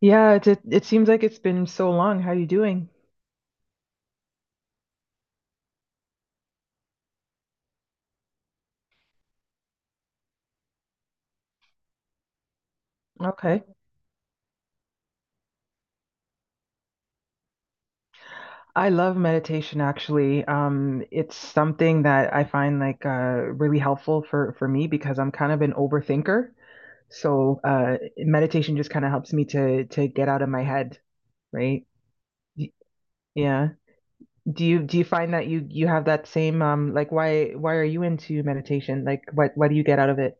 Yeah, it seems like it's been so long. How you doing? Okay. I love meditation actually. It's something that I find like really helpful for me because I'm kind of an overthinker. So, meditation just kind of helps me to get out of my head, right? Y- Yeah. Do you find that you have that same like why are you into meditation? Like what do you get out of it?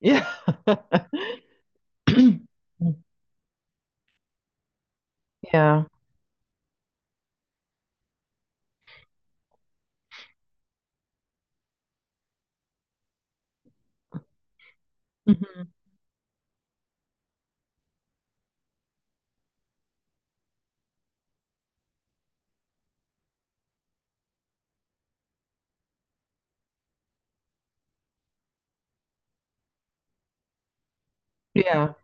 Yeah. Yeah. Mhm. Yeah.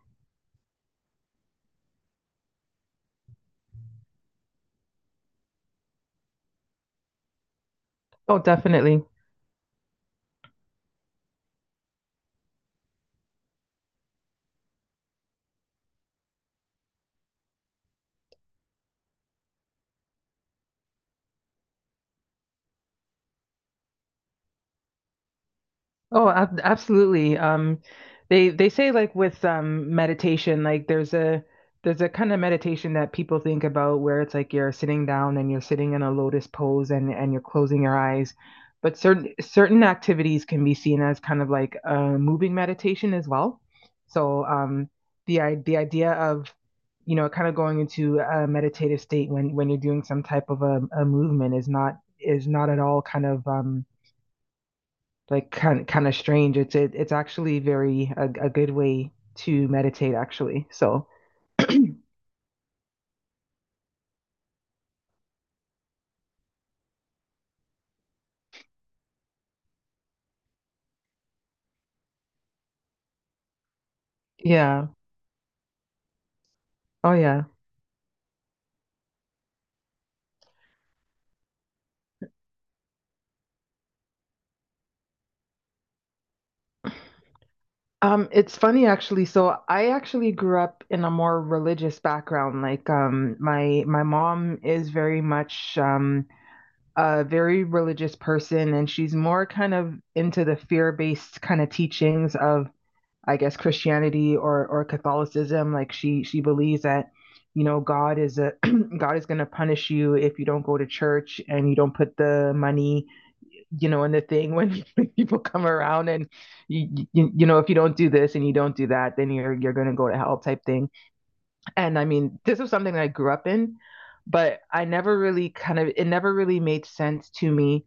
Oh, definitely. Oh, ab absolutely. They say like with meditation, like there's a kind of meditation that people think about where it's like you're sitting down and you're sitting in a lotus pose and you're closing your eyes. But certain activities can be seen as kind of like a moving meditation as well. So the idea of you know kind of going into a meditative state when you're doing some type of a movement is not at all kind of like kind of strange. It's it's actually very a good way to meditate actually. So yeah, oh yeah. It's funny actually. So I actually grew up in a more religious background. Like my mom is very much a very religious person, and she's more kind of into the fear based kind of teachings of I guess Christianity or Catholicism. Like she believes that you know God is a God is going to punish you if you don't go to church and you don't put the money you know in the thing when people come around and you know if you don't do this and you don't do that then you're going to go to hell type thing. And I mean this was something that I grew up in, but I never really kind of it never really made sense to me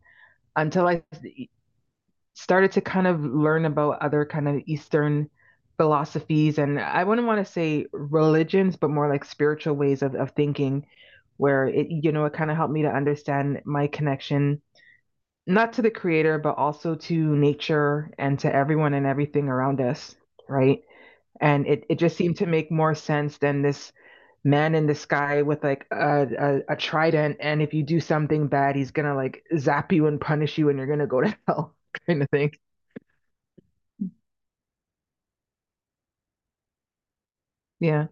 until I started to kind of learn about other kind of Eastern philosophies and I wouldn't want to say religions, but more like spiritual ways of thinking, where you know, it kind of helped me to understand my connection, not to the creator, but also to nature and to everyone and everything around us, right? And it just seemed to make more sense than this man in the sky with like a trident. And if you do something bad, he's gonna like zap you and punish you and you're gonna go to hell kind of thing. Yeah.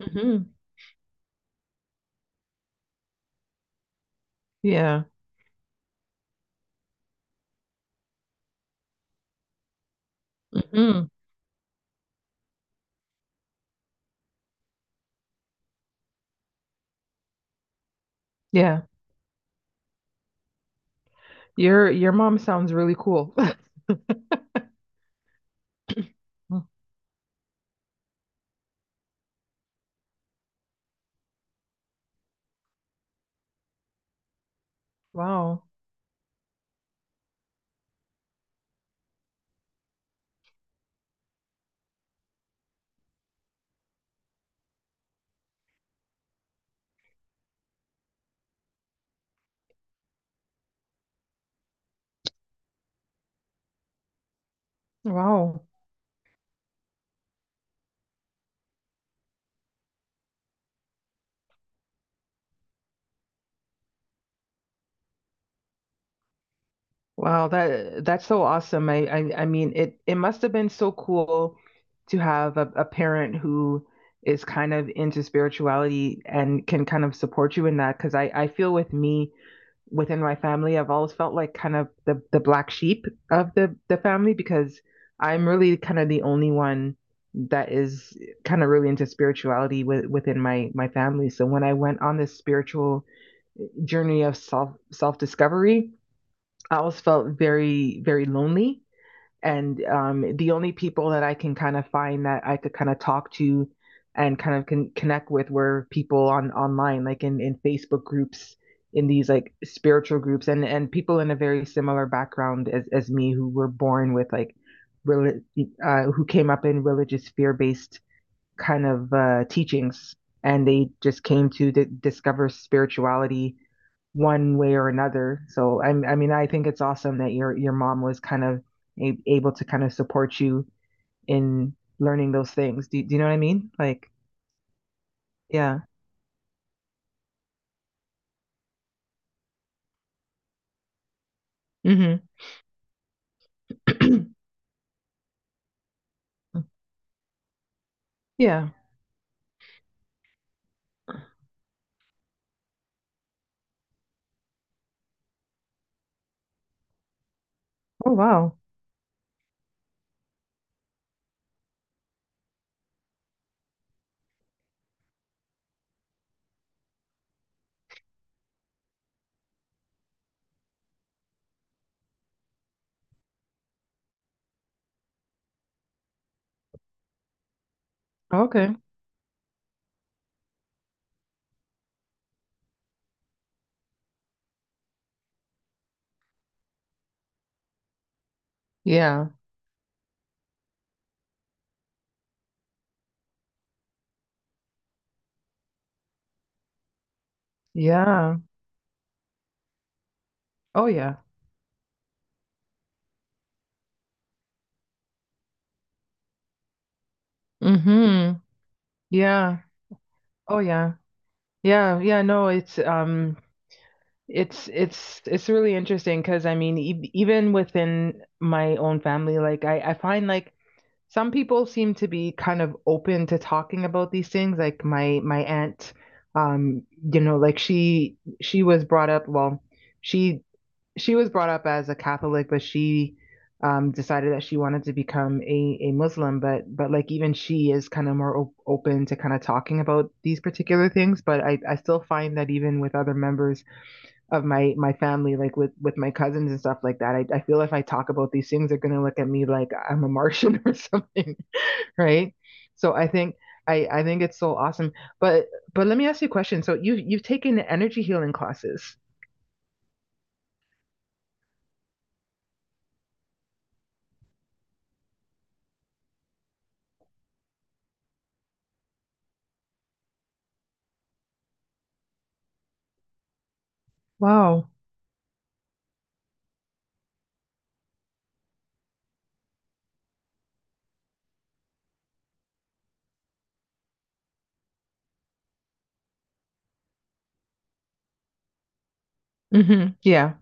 Hmm. Yeah. Hmm. Yeah. Your mom sounds really cool. Wow. Wow. Wow, that that's so awesome. I mean it must have been so cool to have a parent who is kind of into spirituality and can kind of support you in that. Because I feel with me within my family, I've always felt like kind of the black sheep of the family because I'm really kind of the only one that is kind of really into spirituality within my family. So when I went on this spiritual journey of self discovery, I always felt very, very lonely. And the only people that I can kind of find that I could kind of talk to and kind of can connect with were people on online, like in Facebook groups, in these like spiritual groups, and people in a very similar background as me who were born with like, reli- who came up in religious fear-based kind of teachings, and they just came to discover spirituality one way or another. So I mean, I think it's awesome that your mom was kind of able to kind of support you in learning those things. Do you know what I mean? Like, yeah. Hmm. Yeah. Oh, wow. Okay. Yeah. Yeah. Oh, yeah. Hmm. Yeah. Oh, yeah. Yeah. Yeah. No, it's it's it's really interesting because I mean e even within my own family like I find like some people seem to be kind of open to talking about these things like my aunt um you know like she was brought up well she she was brought up as a Catholic but she decided that she wanted to become a Muslim but like even she is kind of more op open to kind of talking about these particular things but I still find that even with other members of my family like with my cousins and stuff like that I feel if I talk about these things they're gonna look at me like I'm a martian or something right so I think I think it's so awesome but let me ask you a question so you've taken the energy healing classes wow hmm yeah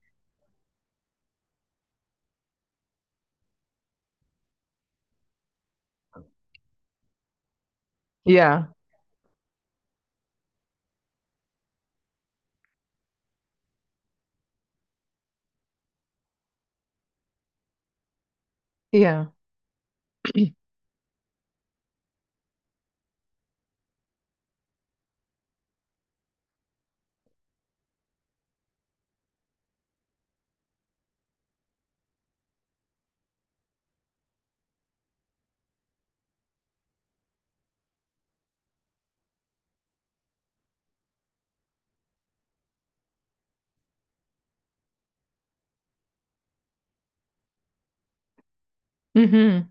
yeah yeah hmm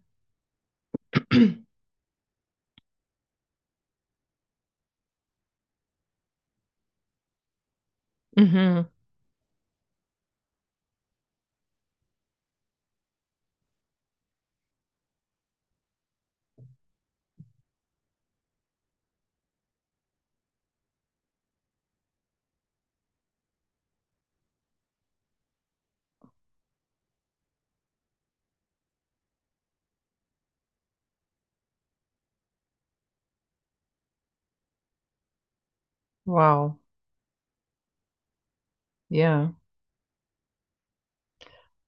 hmm wow yeah.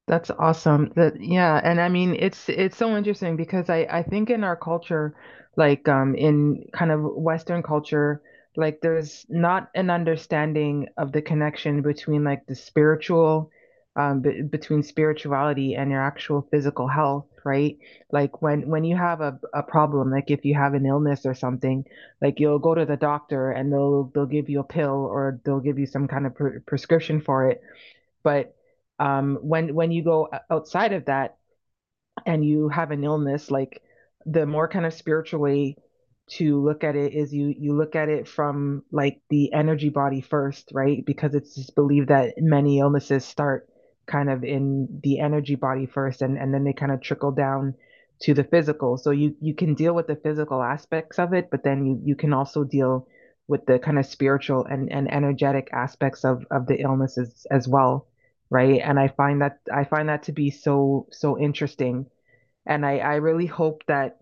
That's awesome. That yeah, and I mean it's so interesting because I think in our culture, like in kind of Western culture, like there's not an understanding of the connection between like the spiritual, b between spirituality and your actual physical health, right? Like when you have a problem, like if you have an illness or something, like you'll go to the doctor and they'll give you a pill or they'll give you some kind of prescription for it. But when you go outside of that, and you have an illness, like the more kind of spiritual way to look at it is you look at it from like the energy body first, right? Because it's just believed that many illnesses start kind of in the energy body first and then they kind of trickle down to the physical. So you can deal with the physical aspects of it, but then you can also deal with the kind of spiritual and energetic aspects of the illnesses as well. Right. And I find that to be so interesting and I really hope that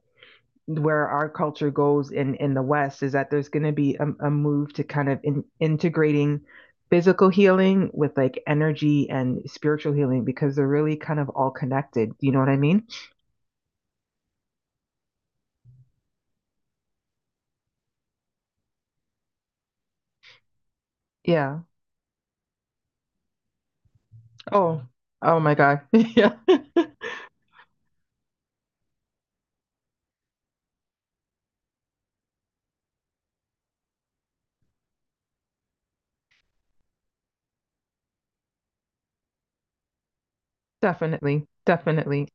where our culture goes in the West is that there's going to be a move to kind of integrating physical healing with like energy and spiritual healing because they're really kind of all connected. You know what I mean? Yeah. Oh, oh my God. Yeah, definitely, definitely, one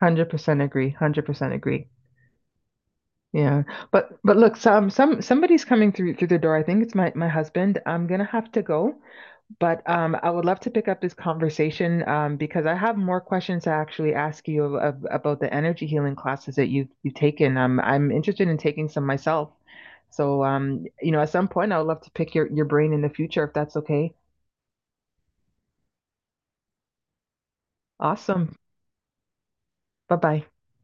hundred percent agree, 100% agree. Yeah, but look, some somebody's coming through the door. I think it's my husband. I'm gonna have to go. But I would love to pick up this conversation because I have more questions to actually ask you about the energy healing classes that you've taken. I'm interested in taking some myself. So, you know, at some point, I would love to pick your brain in the future if that's okay. Awesome. Bye bye.